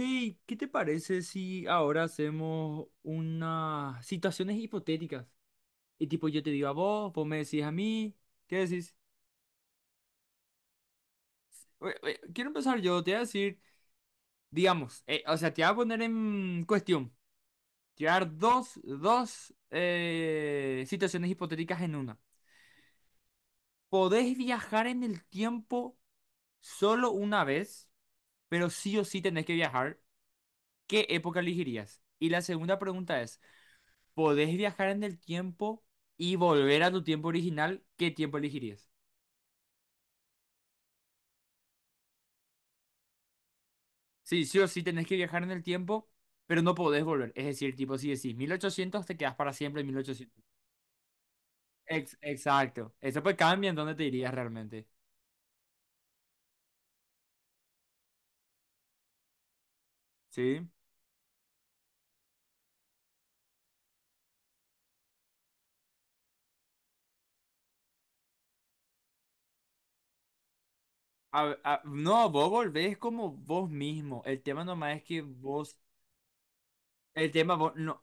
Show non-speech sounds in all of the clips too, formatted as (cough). Hey, ¿qué te parece si ahora hacemos unas situaciones hipotéticas? Y tipo, yo te digo a vos, vos me decís a mí, ¿qué decís? Oye, oye, quiero empezar yo, te voy a decir, digamos, o sea, te voy a poner en cuestión, te voy a dar dos, situaciones hipotéticas en una. Podés viajar en el tiempo solo una vez, pero sí o sí tenés que viajar. ¿Qué época elegirías? Y la segunda pregunta es: podés viajar en el tiempo y volver a tu tiempo original, ¿qué tiempo elegirías? Sí, sí o sí tenés que viajar en el tiempo, pero no podés volver. Es decir, tipo, si decís 1800 te quedas para siempre en 1800. Exacto. Eso pues cambia en dónde te irías realmente. ¿Sí? No, vos volvés como vos mismo. El tema nomás es que vos. No,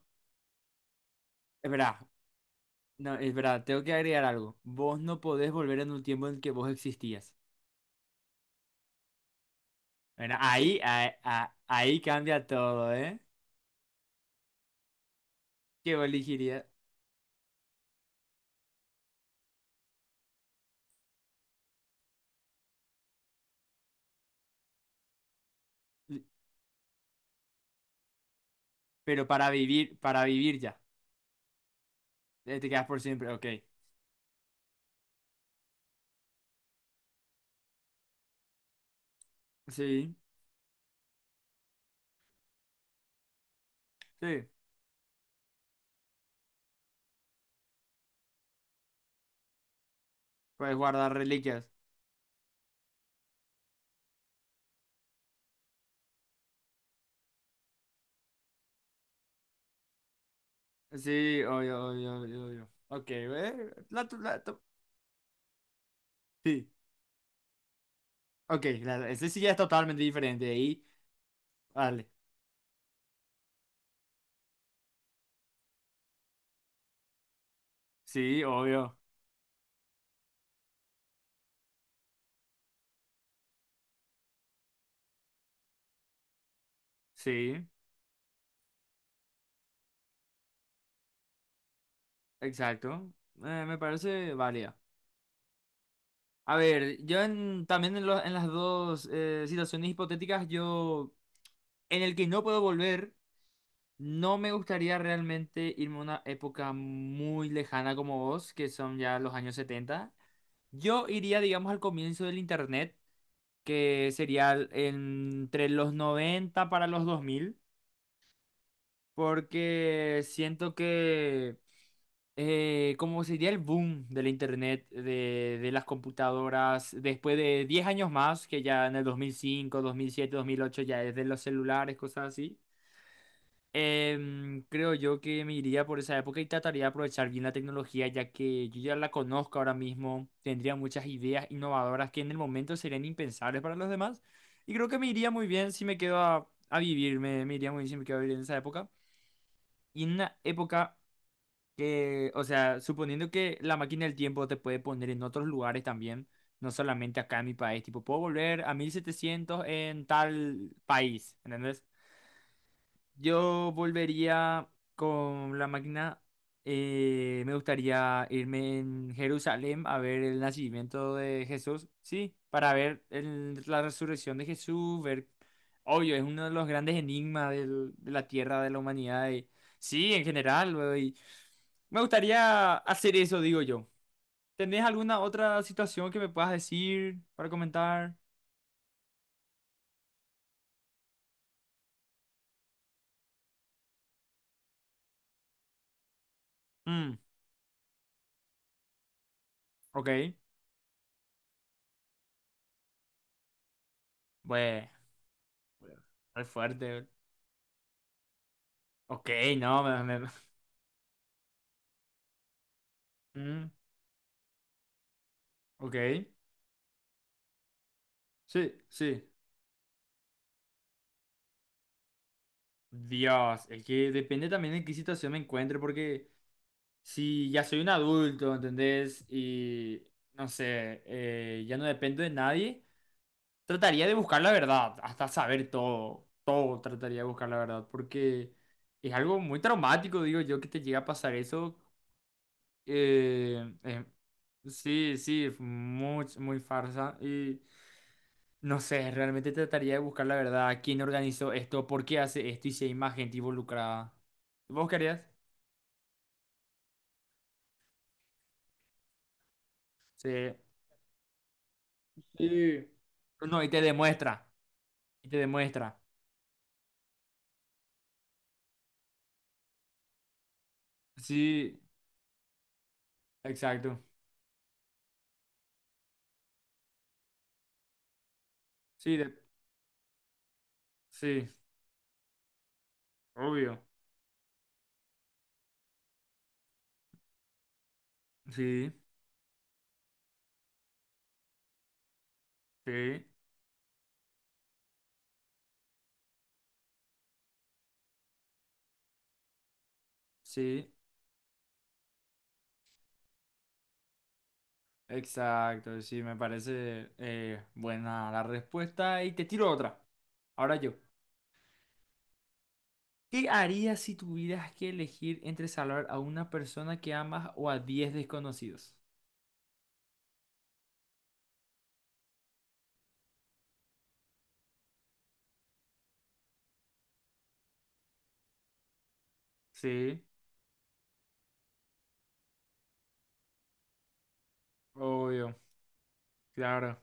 es verdad. No, es verdad. Tengo que agregar algo. Vos no podés volver en un tiempo en el que vos existías. Bueno, ahí cambia todo, ¿eh? ¿Qué elegiría? Pero para vivir ya. Te quedas por siempre, ok. Sí, sí. Puedes guardar reliquias. Sí, obvio, obvio, obvio, obvio. Ok. Sí, ok. Ese sí ya es totalmente diferente. Ahí, vale. Sí, obvio. Sí, exacto. Me parece válida. A ver, yo también en, en las dos situaciones hipotéticas, yo en el que no puedo volver. No me gustaría realmente irme a una época muy lejana como vos, que son ya los años 70. Yo iría, digamos, al comienzo del internet, que sería entre los 90 para los 2000, porque siento que como sería el boom del internet, de las computadoras, después de 10 años más, que ya en el 2005, 2007, 2008 ya es de los celulares, cosas así. Creo yo que me iría por esa época y trataría de aprovechar bien la tecnología, ya que yo ya la conozco ahora mismo, tendría muchas ideas innovadoras que en el momento serían impensables para los demás. Y creo que me iría muy bien si me quedo a vivir, me iría muy bien si me quedo a vivir en esa época. Y en una época que, o sea, suponiendo que la máquina del tiempo te puede poner en otros lugares también, no solamente acá en mi país, tipo, puedo volver a 1700 en tal país, ¿entendés? Yo volvería con la máquina. Me gustaría irme en Jerusalén a ver el nacimiento de Jesús, sí, para ver la resurrección de Jesús, ver, obvio, es uno de los grandes enigmas de la tierra, de la humanidad, y, sí, en general, luego, y me gustaría hacer eso, digo yo. ¿Tenés alguna otra situación que me puedas decir para comentar? Mm, ok, bueno, re fuerte. Ok, no. (laughs) Ok, sí, sí. Dios, es que depende también de qué situación me encuentre, porque si ya soy un adulto, ¿entendés? Y no sé, ya no dependo de nadie, trataría de buscar la verdad, hasta saber todo, todo trataría de buscar la verdad, porque es algo muy traumático, digo yo, que te llega a pasar eso. eh, eh, sí, sí, es muy, muy farsa. Y no sé, realmente trataría de buscar la verdad, quién organizó esto, por qué hace esto y si hay más gente involucrada. ¿Vos querías? Sí. Sí, no, y te demuestra. Y te demuestra. Sí, exacto. Sí, sí, obvio. Sí, sí, sí, exacto. Sí, me parece buena la respuesta. Y te tiro otra. Ahora yo. ¿Qué harías si tuvieras que elegir entre salvar a una persona que amas o a 10 desconocidos? Sí. Obvio, claro,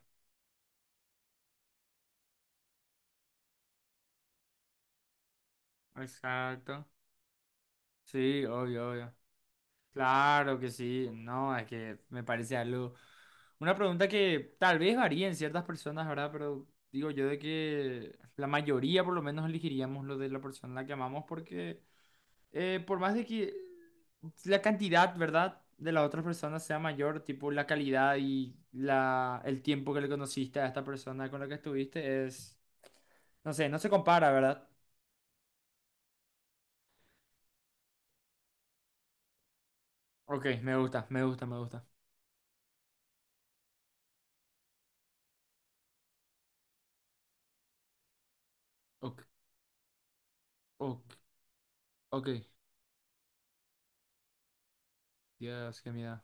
exacto. Sí, obvio, obvio. Claro que sí. No, es que me parece algo. Una pregunta que tal vez varía en ciertas personas, ¿verdad? Pero digo yo de que la mayoría por lo menos elegiríamos lo de la persona a la que amamos porque por más de que la cantidad, ¿verdad? De la otra persona sea mayor, tipo la calidad y la, el tiempo que le conociste a esta persona con la que estuviste es, no sé, no se compara, ¿verdad? Ok, me gusta, me gusta, me gusta. Ok, ok, ok. Dios, qué miedo.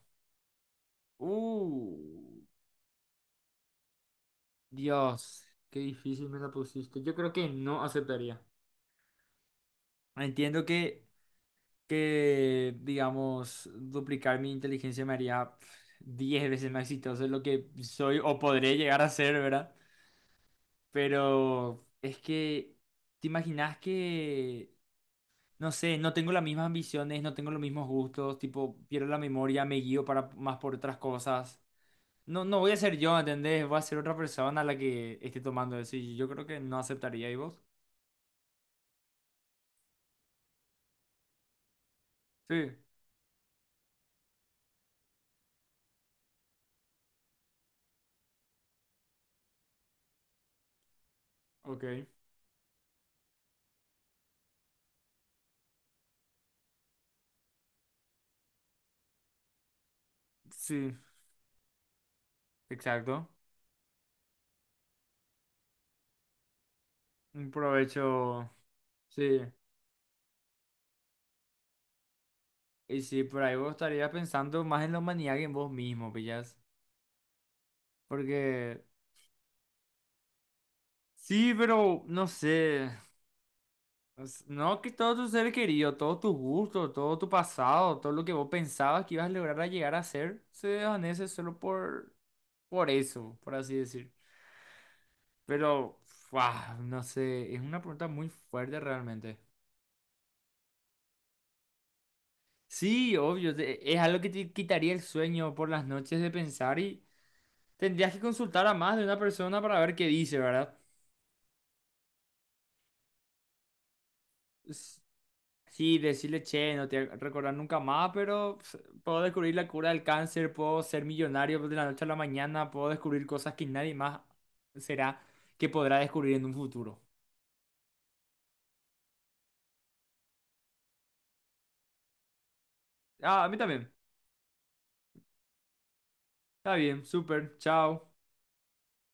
Uh, Dios, qué difícil me la pusiste. Yo creo que no aceptaría. Entiendo que, digamos, duplicar mi inteligencia me haría pf, 10 veces más exitoso de lo que soy o podré llegar a ser, ¿verdad? Pero es que, ¿te imaginas que, no sé, no tengo las mismas ambiciones, no tengo los mismos gustos, tipo, pierdo la memoria, me guío para, más por otras cosas? No, no voy a ser yo, ¿entendés? Voy a ser otra persona a la que esté tomando eso. Y yo creo que no aceptaría. ¿Y vos? Sí, ok. Sí, exacto. Un provecho. Sí. Y sí, por ahí vos estarías pensando más en la humanidad que en vos mismo, pillas. Porque. Sí, pero no sé. No, que todo tu ser querido, todos tus gustos, todo tu pasado, todo lo que vos pensabas que ibas a lograr a llegar a ser, se desvanece solo por. Por eso, por así decir. Pero, ¡fua! No sé, es una pregunta muy fuerte realmente. Sí, obvio, es algo que te quitaría el sueño por las noches de pensar y tendrías que consultar a más de una persona para ver qué dice, ¿verdad? S- Sí, decirle, che, no te voy a recordar nunca más, pero pues, puedo descubrir la cura del cáncer, puedo ser millonario de la noche a la mañana, puedo descubrir cosas que nadie más será que podrá descubrir en un futuro. Ah, a mí también. Está bien, súper, chao.